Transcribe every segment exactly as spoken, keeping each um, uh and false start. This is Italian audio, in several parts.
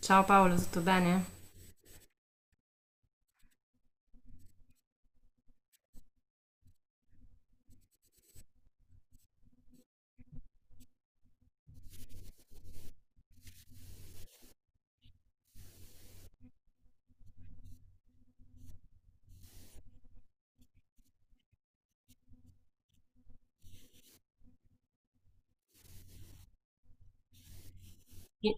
Ciao Paolo, tutto bene? Sì.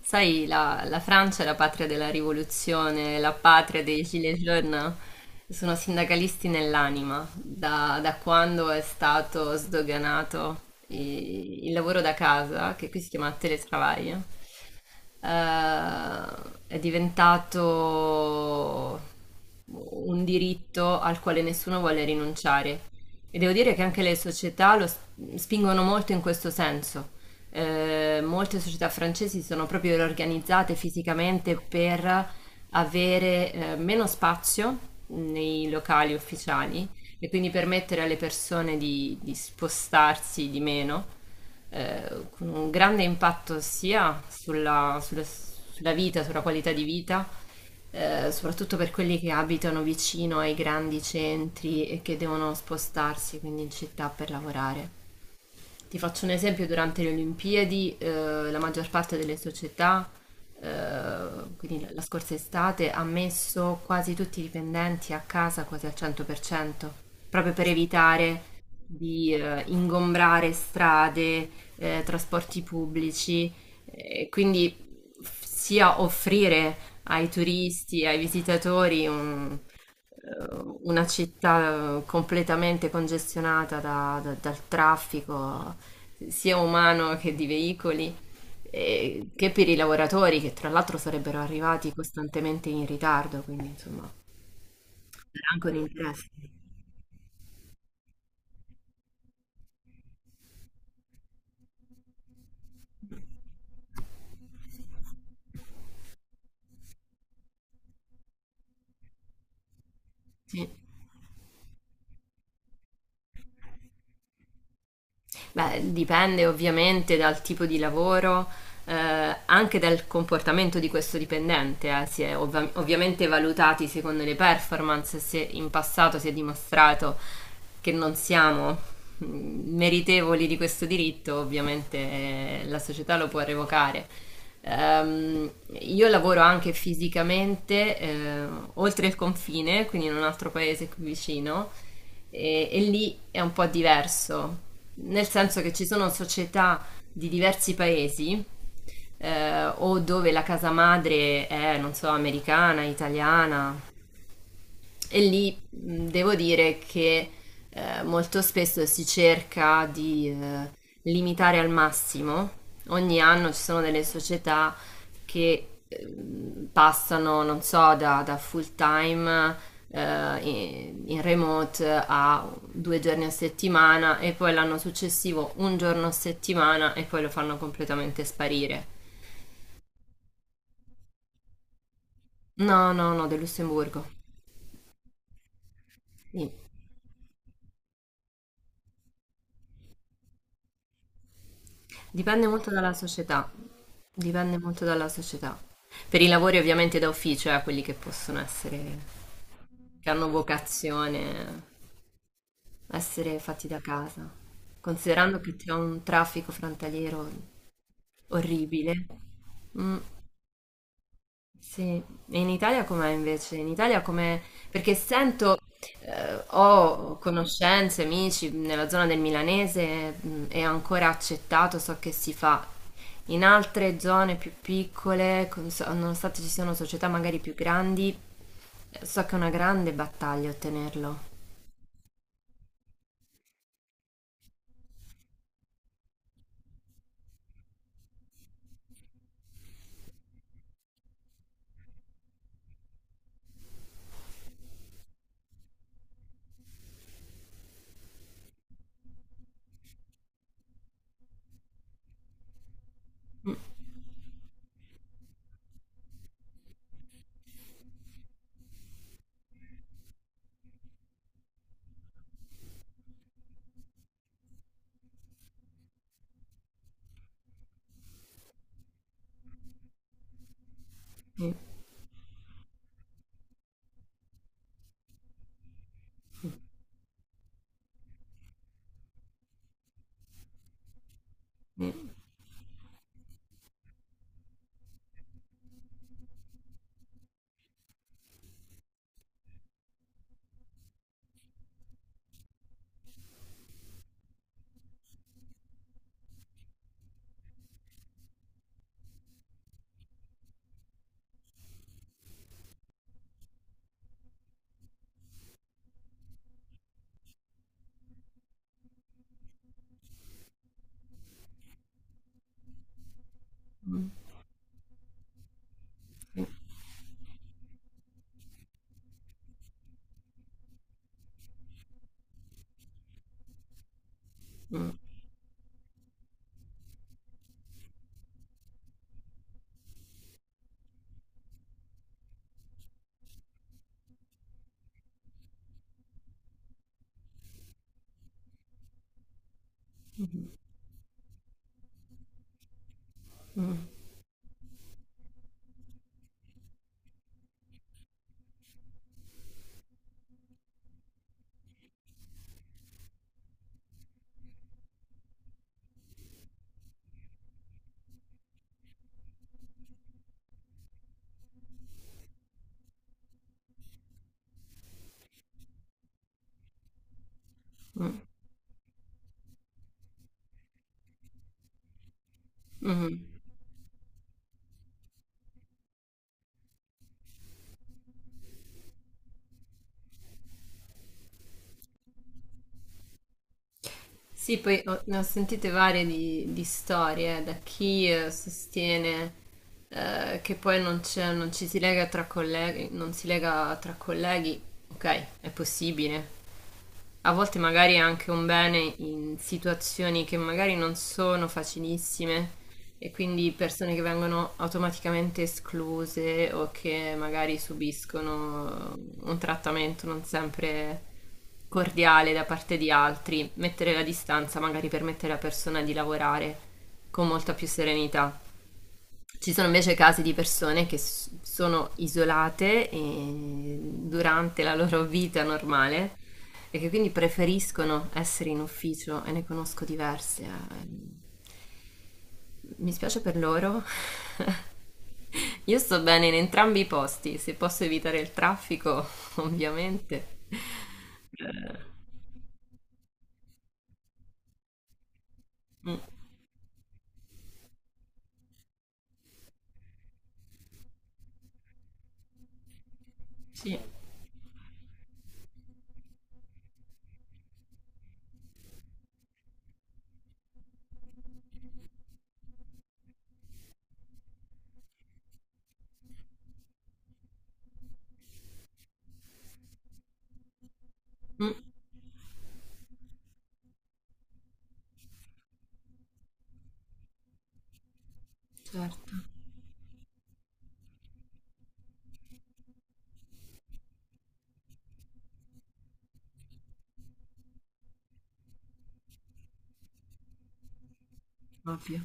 Sai, la, la Francia è la patria della rivoluzione, la patria dei gilets jaunes. Sono sindacalisti nell'anima, da, da quando è stato sdoganato i- il lavoro da casa, che qui si chiama teletravaglio, eh, è diventato un diritto al quale nessuno vuole rinunciare. E devo dire che anche le società lo s- spingono molto in questo senso. Eh, molte società francesi sono proprio organizzate fisicamente per avere eh, meno spazio nei locali ufficiali e quindi permettere alle persone di, di spostarsi di meno, eh, con un grande impatto sia sulla, sulla sulla vita, sulla qualità di vita, eh, soprattutto per quelli che abitano vicino ai grandi centri e che devono spostarsi quindi in città per lavorare. Ti faccio un esempio, durante le Olimpiadi eh, la maggior parte delle società, eh, quindi la la scorsa estate, ha messo quasi tutti i dipendenti a casa quasi al cento per cento, proprio per evitare di eh, ingombrare strade, eh, trasporti pubblici, eh, quindi f- sia offrire ai turisti, ai visitatori un- eh, una città completamente congestionata da- da- dal traffico sia umano che di veicoli, eh, che per i lavoratori che tra l'altro sarebbero arrivati costantemente in ritardo, quindi insomma era anche un interesse. Sì. Beh, dipende ovviamente dal tipo di lavoro, eh, anche dal comportamento di questo dipendente. eh. Si è ovva- ovviamente valutati secondo le performance, se in passato si è dimostrato che non siamo mm, meritevoli di questo diritto, ovviamente eh, la società lo può revocare. Ehm, io lavoro anche fisicamente eh, oltre il confine, quindi in un altro paese qui vicino, e, e lì è un po' diverso, nel senso che ci sono società di diversi paesi eh, o dove la casa madre è, non so, americana, italiana, e lì mh, devo dire che eh, molto spesso si cerca di eh, limitare al massimo. Ogni anno ci sono delle società che ehm, passano, non so, da, da full time eh, in, in remote a due giorni a settimana e poi l'anno successivo un giorno a settimana e poi lo fanno completamente sparire. No, no, no, del Lussemburgo. Sì. Dipende molto dalla società, dipende molto dalla società. Per i lavori ovviamente da ufficio, eh, quelli che possono essere, che hanno vocazione, essere fatti da casa. Considerando che c'è un traffico frontaliero orribile. Mm. Sì, e in Italia com'è invece? In Italia com'è? Perché sento, eh, ho conoscenze, amici nella zona del Milanese, mh, è ancora accettato, so che si fa. In altre zone più piccole, con- so- nonostante ci siano società magari più grandi, eh, so che è una grande battaglia ottenerlo. Mm, mm, mm, mm, mm. Sì, poi ho- ne ho sentite varie di, di storie, da chi eh, sostiene eh, che poi non c'è- non ci si lega tra colleghi, non si lega tra colleghi, ok, è possibile, a volte magari è anche un bene in situazioni che magari non sono facilissime e quindi persone che vengono automaticamente escluse o che magari subiscono un trattamento non sempre cordiale da parte di altri, mettere la distanza magari permette alla persona di lavorare con molta più serenità. Ci sono invece casi di persone che s- sono isolate e durante la loro vita normale e che quindi preferiscono essere in ufficio e ne conosco diverse. Eh, Mi spiace per loro. Io sto bene in entrambi i posti, se posso evitare il traffico, ovviamente. Eh, mm, sì, mm, certo, ovvio.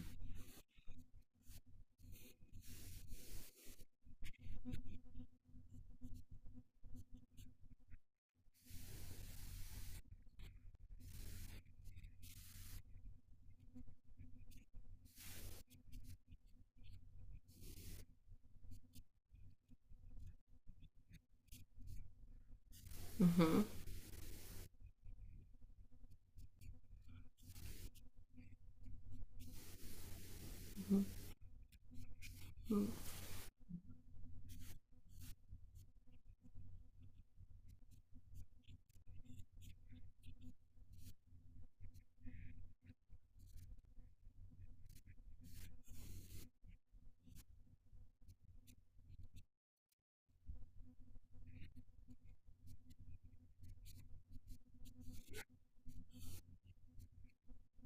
Mhm, mm,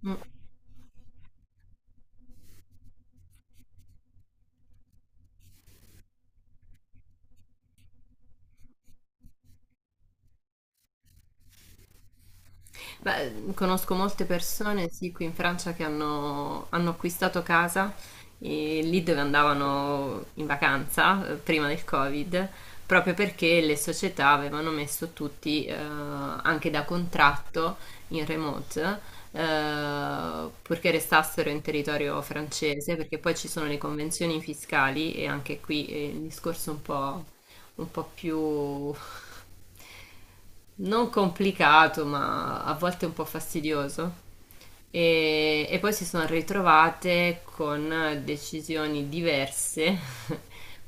mm. Beh, conosco molte persone, sì, qui in Francia che hanno, hanno acquistato casa eh, lì dove andavano in vacanza eh, prima del Covid, proprio perché le società avevano messo tutti eh, anche da contratto in remote, eh, purché restassero in territorio francese, perché poi ci sono le convenzioni fiscali e anche qui è il discorso un po', un po' più non complicato, ma a volte un po' fastidioso. E, e poi si sono ritrovate con decisioni diverse,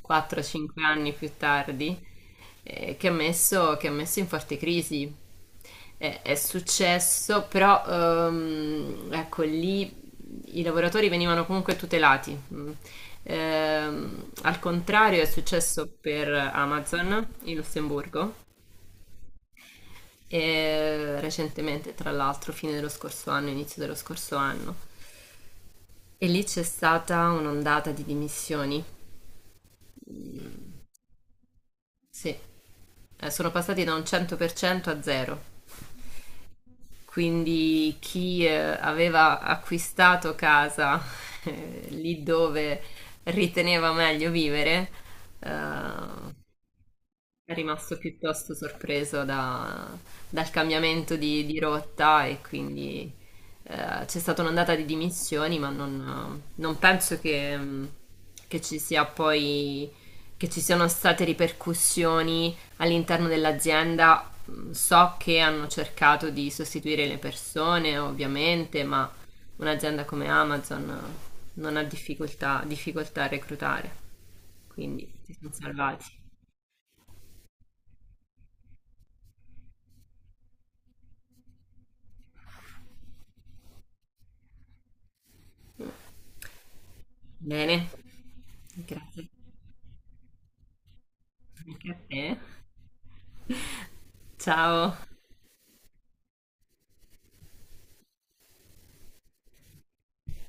quattro o cinque anni più tardi, eh, che ha messo, che ha messo in forte crisi. Eh, è successo, però ehm, ecco lì i lavoratori venivano comunque tutelati. Mm. Ehm, al contrario è successo per Amazon in Lussemburgo e recentemente, tra l'altro, fine dello scorso anno, inizio dello scorso anno. E lì c'è stata un'ondata di dimissioni. Sì. Eh, sono passati da un cento per cento a zero. Quindi chi eh, aveva acquistato casa eh, lì dove riteneva meglio vivere, eh, è rimasto piuttosto sorpreso da- dal cambiamento di, di rotta e quindi eh, c'è stata un'ondata di dimissioni, ma non, non penso che, mh, che ci sia poi, che ci siano state ripercussioni all'interno dell'azienda. Mh. So che hanno cercato di sostituire le persone, ovviamente, ma un'azienda come Amazon eh, non ha difficoltà, difficoltà a reclutare, quindi si sono salvati. Bene. Grazie anche a te. Ciao.